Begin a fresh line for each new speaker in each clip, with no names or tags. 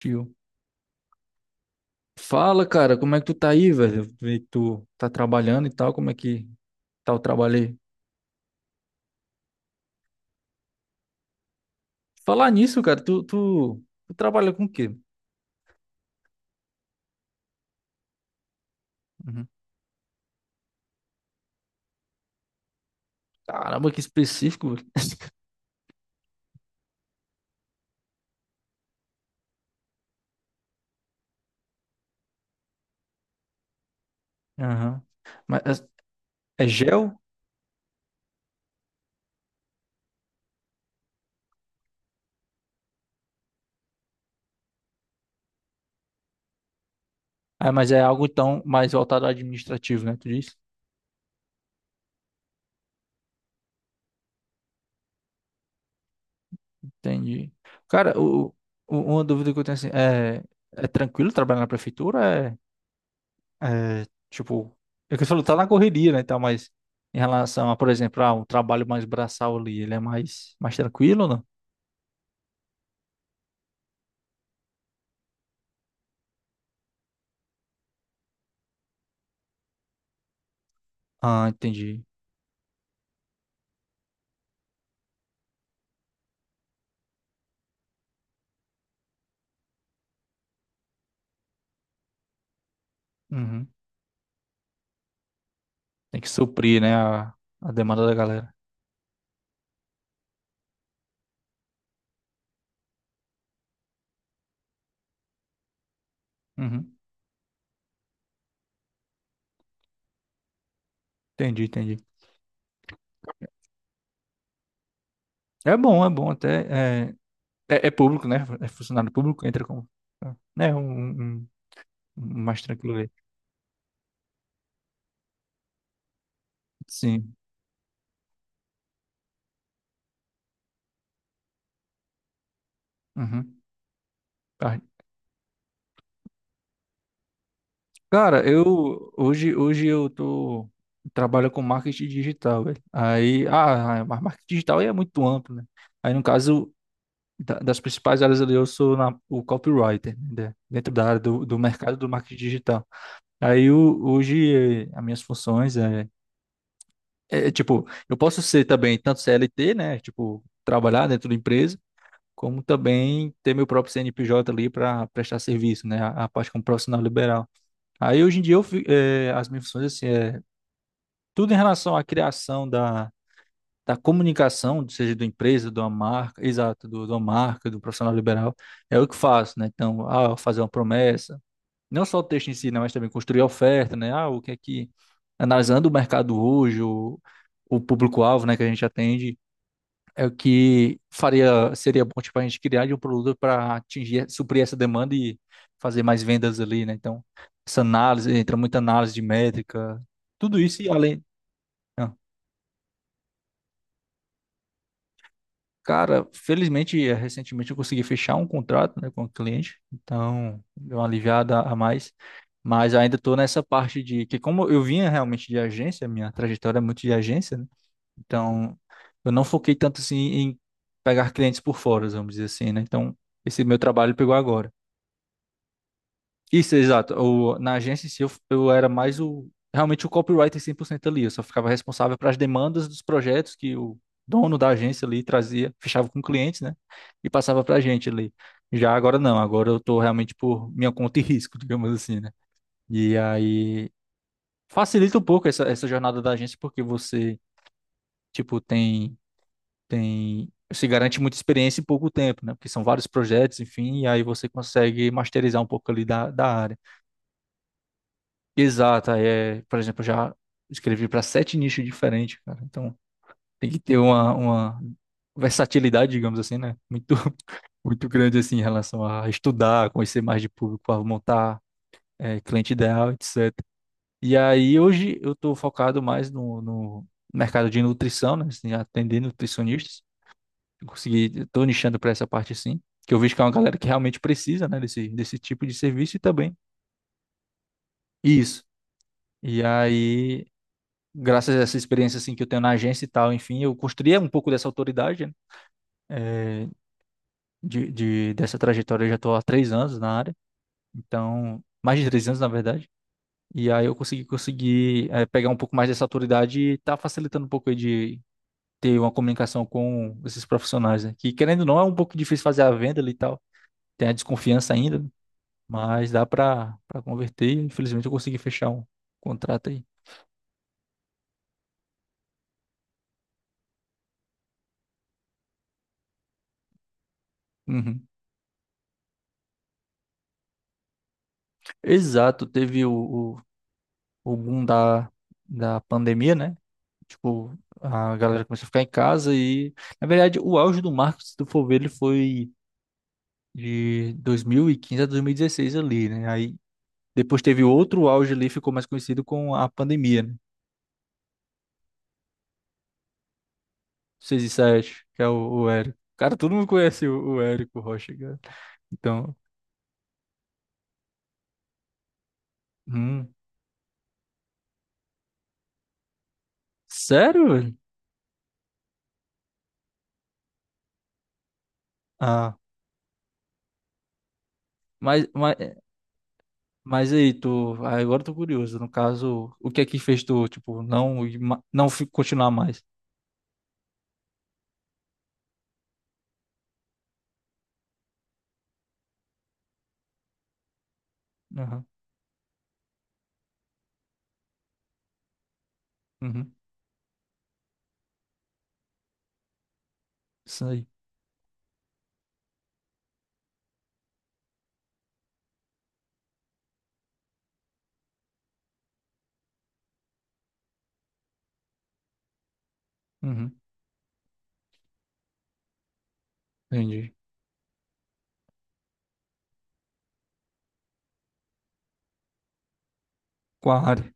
Tio. Fala, cara, como é que tu tá aí, velho? Eu vi que tu tá trabalhando e tal, como é que tá o trabalho aí? Falar nisso, cara, tu trabalha com o quê? Uhum. Caramba, que específico, velho. Aham. Mas é gel? Ah, mas é algo então mais voltado ao administrativo, né? Tu disse? Entendi. Cara, uma dúvida que eu tenho assim, é tranquilo trabalhar na prefeitura? É, tipo, é que você falou, tá na correria, né, e tal, mas em relação a, por exemplo, um trabalho mais braçal ali, ele é mais tranquilo, ou não? Ah, entendi. Uhum. Tem que suprir, né, a demanda da galera. Uhum. Entendi, entendi. É bom até. É público, né? É funcionário público, entra como. Né, um mais tranquilo aí. Sim. Uhum. Ah, cara, hoje eu tô trabalho com marketing digital, velho. Aí, mas marketing digital aí é muito amplo, né? Aí no caso das principais áreas ali eu sou o copywriter, né? Dentro da área do mercado do marketing digital. Aí hoje as minhas funções tipo, eu posso ser também tanto CLT, né? Tipo, trabalhar dentro da empresa, como também ter meu próprio CNPJ ali para prestar serviço, né? A parte como profissional liberal. Aí hoje em dia as minhas funções assim é tudo em relação à criação da comunicação, seja da empresa, de uma marca, exato, de uma marca, do profissional liberal, é o que faço, né? Então, fazer uma promessa, não só o texto em si, né, mas também construir a oferta, né? Ah, o que é que analisando o mercado hoje, o público-alvo, né, que a gente atende, é o que faria, seria bom, tipo, a gente criar de um produto para atingir, suprir essa demanda e fazer mais vendas ali, né? Então, essa análise, entra muita análise de métrica, tudo isso e além. Ah, cara, felizmente, recentemente eu consegui fechar um contrato, né, com o cliente, então deu uma aliviada a mais, mas ainda estou nessa parte de que, como eu vinha realmente de agência, minha trajetória é muito de agência, né? Então, eu não foquei tanto assim em pegar clientes por fora, vamos dizer assim, né? Então, esse meu trabalho pegou agora. Isso, exato. Na agência em si, eu era mais realmente o copywriter 100% ali. Eu só ficava responsável para as demandas dos projetos que o dono da agência ali trazia, fechava com clientes, né? E passava para a gente ali. Já agora não, agora eu tô realmente por minha conta e risco, digamos assim, né? E aí facilita um pouco essa, essa jornada da agência, porque você, tipo, tem tem se garante muita experiência em pouco tempo, né? Porque são vários projetos, enfim, e aí você consegue masterizar um pouco ali da área. Exata, é, por exemplo, eu já escrevi para sete nichos diferentes, cara. Então tem que ter uma, versatilidade, digamos assim, né? Muito, muito grande assim em relação a estudar, conhecer mais de público, a montar cliente ideal, etc. E aí hoje eu estou focado mais no mercado de nutrição, né? Assim, atender nutricionistas. Eu consegui, estou nichando para essa parte sim, que eu vejo que é uma galera que realmente precisa, né, desse tipo de serviço e também isso. E aí, graças a essa experiência assim que eu tenho na agência e tal, enfim, eu construí um pouco dessa autoridade, né, eh, dessa trajetória. Eu já estou há 3 anos na área, então mais de 3 anos na verdade. E aí eu consegui consegui pegar um pouco mais dessa autoridade e tá facilitando um pouco aí de ter uma comunicação com esses profissionais, né, que querendo ou não é um pouco difícil fazer a venda ali e tal. Tem a desconfiança ainda, né, mas dá pra para converter. E, infelizmente eu consegui fechar um contrato aí. Uhum. Exato, teve o, o boom da pandemia, né? Tipo, a galera começou a ficar em casa e, na verdade, o auge do marketing, se tu for ver, ele foi de 2015 a 2016 ali, né? Aí depois teve outro auge ali, ficou mais conhecido com a pandemia, né? Seis e sete que é o Érico. Cara, todo mundo conhece o Érico Rocha, cara. Então, hum. Sério, velho? Ah. Mas, mas Mas aí, agora eu tô curioso. No caso, o que é que fez tu, tipo, não, ir não continuar mais? Aham, uhum, isso aí. Uhum, entendi. Qual a área?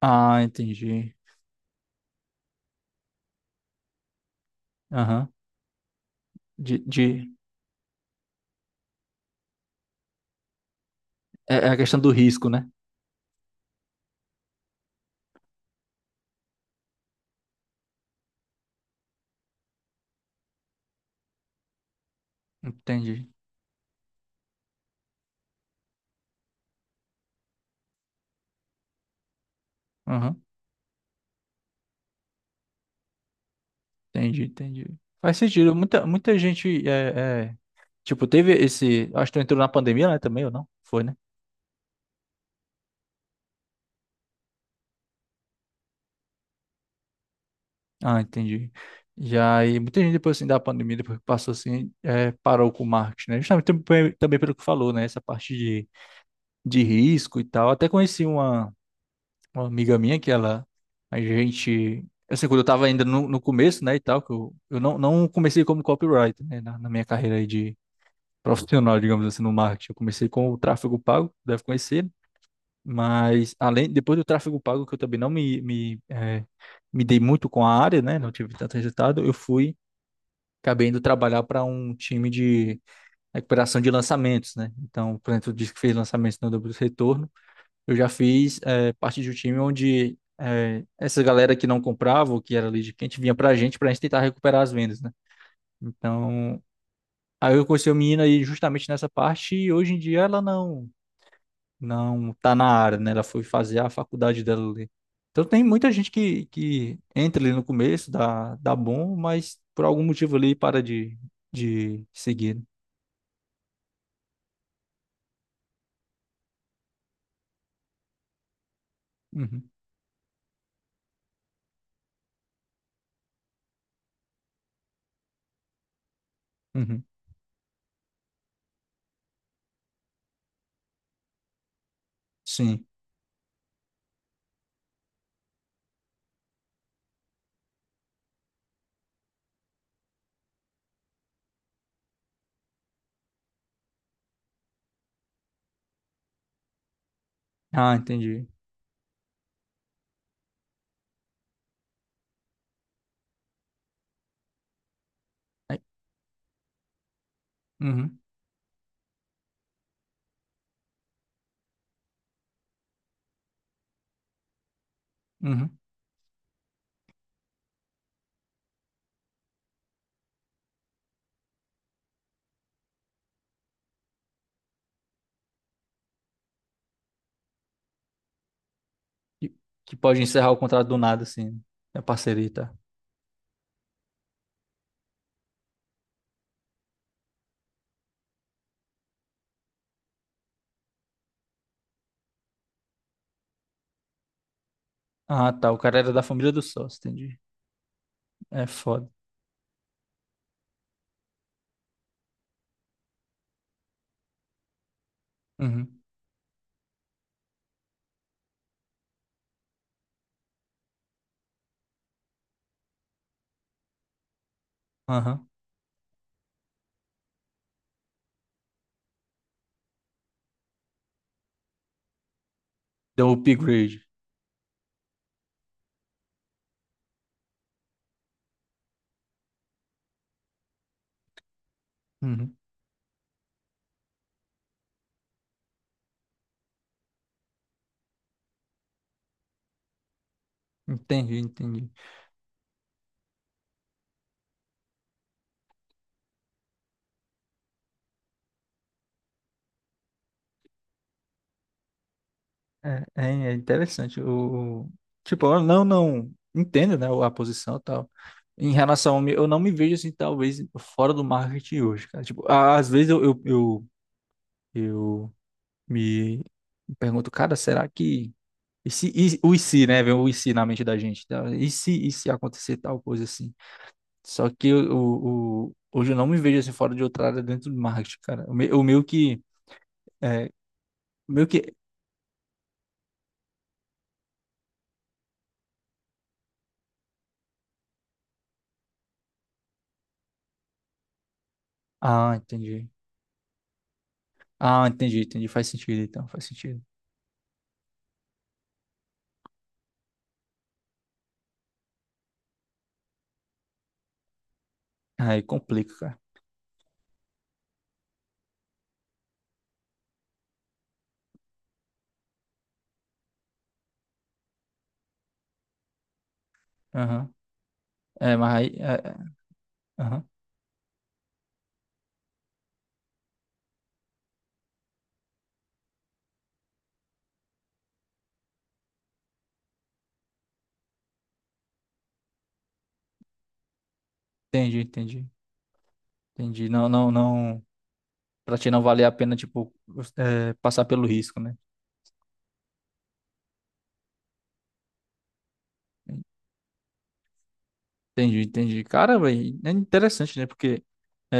Ah, entendi. Aham. De. É a questão do risco, né? Entendi. Aham, entendi, entendi. Faz sentido. Muita, muita gente. Tipo, teve esse. Acho que tu entrou na pandemia, né? Também, ou não? Foi, né? Ah, entendi. Já e muita gente depois assim da pandemia, depois que passou assim, parou com o marketing, né? Justamente também pelo que falou, né? Essa parte de risco e tal. Até conheci uma amiga minha que ela, a gente, assim, quando eu tava ainda no começo, né, e tal, que eu não comecei como copywriter, né, na minha carreira aí de profissional, digamos assim, no marketing. Eu comecei com o tráfego pago, deve conhecer, mas além, depois do tráfego pago, que eu também não me dei muito com a área, né? Não tive tanto resultado, eu fui acabei indo trabalhar para um time de recuperação de lançamentos, né? Então, por exemplo, disse que fez lançamentos no dobro do retorno. Eu já fiz parte de um time onde essa galera que não comprava, ou que era lead quente, vinha para a gente tentar recuperar as vendas, né? Então, aí eu conheci a menina aí justamente nessa parte e hoje em dia ela não tá na área, né? Ela foi fazer a faculdade dela ali. Então tem muita gente que entra ali no começo, dá bom, mas por algum motivo ali para de seguir, né? Uhum, uhum, sim. Ah, entendi. Aí, uhum, uhum. Que, que pode encerrar o contrato do nada, assim, né. A parceria, tá? Ah, tá. O cara era da família do sócio, entendi. É foda. Uhum, aham. Deu o upgrade. Uhum. Entendi, entendi. É, é interessante. Tipo, eu não entendo, né, a posição e tal. Em relação, eu não me vejo assim, talvez, fora do marketing hoje, cara. Tipo, às vezes eu me pergunto, cara, será que e se, o e se, né? Vem o e se na mente da gente. Tá? E se acontecer tal coisa assim? Só que hoje eu não me vejo assim fora de outra área dentro do marketing, cara. O meu que. É, o meu que. Ah, entendi. Ah, entendi, entendi. Faz sentido então, faz sentido. Aí complica, cara. Aham. É, mas aí. Aham. Entendi, entendi. Entendi. Não, não, não. Pra ti não valer a pena, tipo, passar pelo risco, né? Entendi, entendi. Cara, e é interessante, né? Porque é,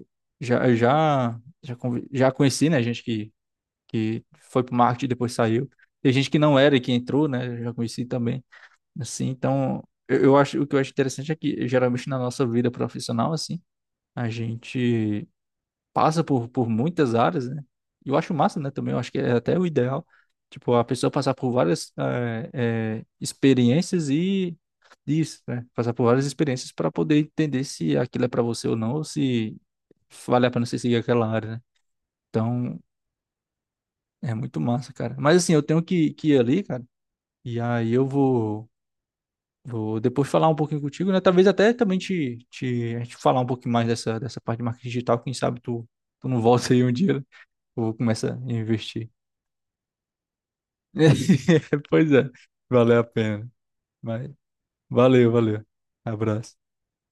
é, já conheci, né? Gente que foi pro marketing e depois saiu. Tem gente que não era e que entrou, né? Eu já conheci também. Assim, então, eu acho, o que eu acho interessante é que geralmente na nossa vida profissional, assim, a gente passa por muitas áreas, né? E eu acho massa, né? Também eu acho que é até o ideal. Tipo, a pessoa passar por várias experiências e isso, né? Passar por várias experiências para poder entender se aquilo é para você ou não, ou se vale a pena você seguir aquela área, né? Então, é muito massa, cara. Mas assim, eu tenho que ir ali, cara. E aí eu vou depois falar um pouquinho contigo, né? Talvez até também a gente falar um pouquinho mais dessa parte de marketing digital. Quem sabe tu não volta aí um dia, né? Eu vou começar a investir. Pois é, valeu a pena. Mas valeu, valeu. Abraço.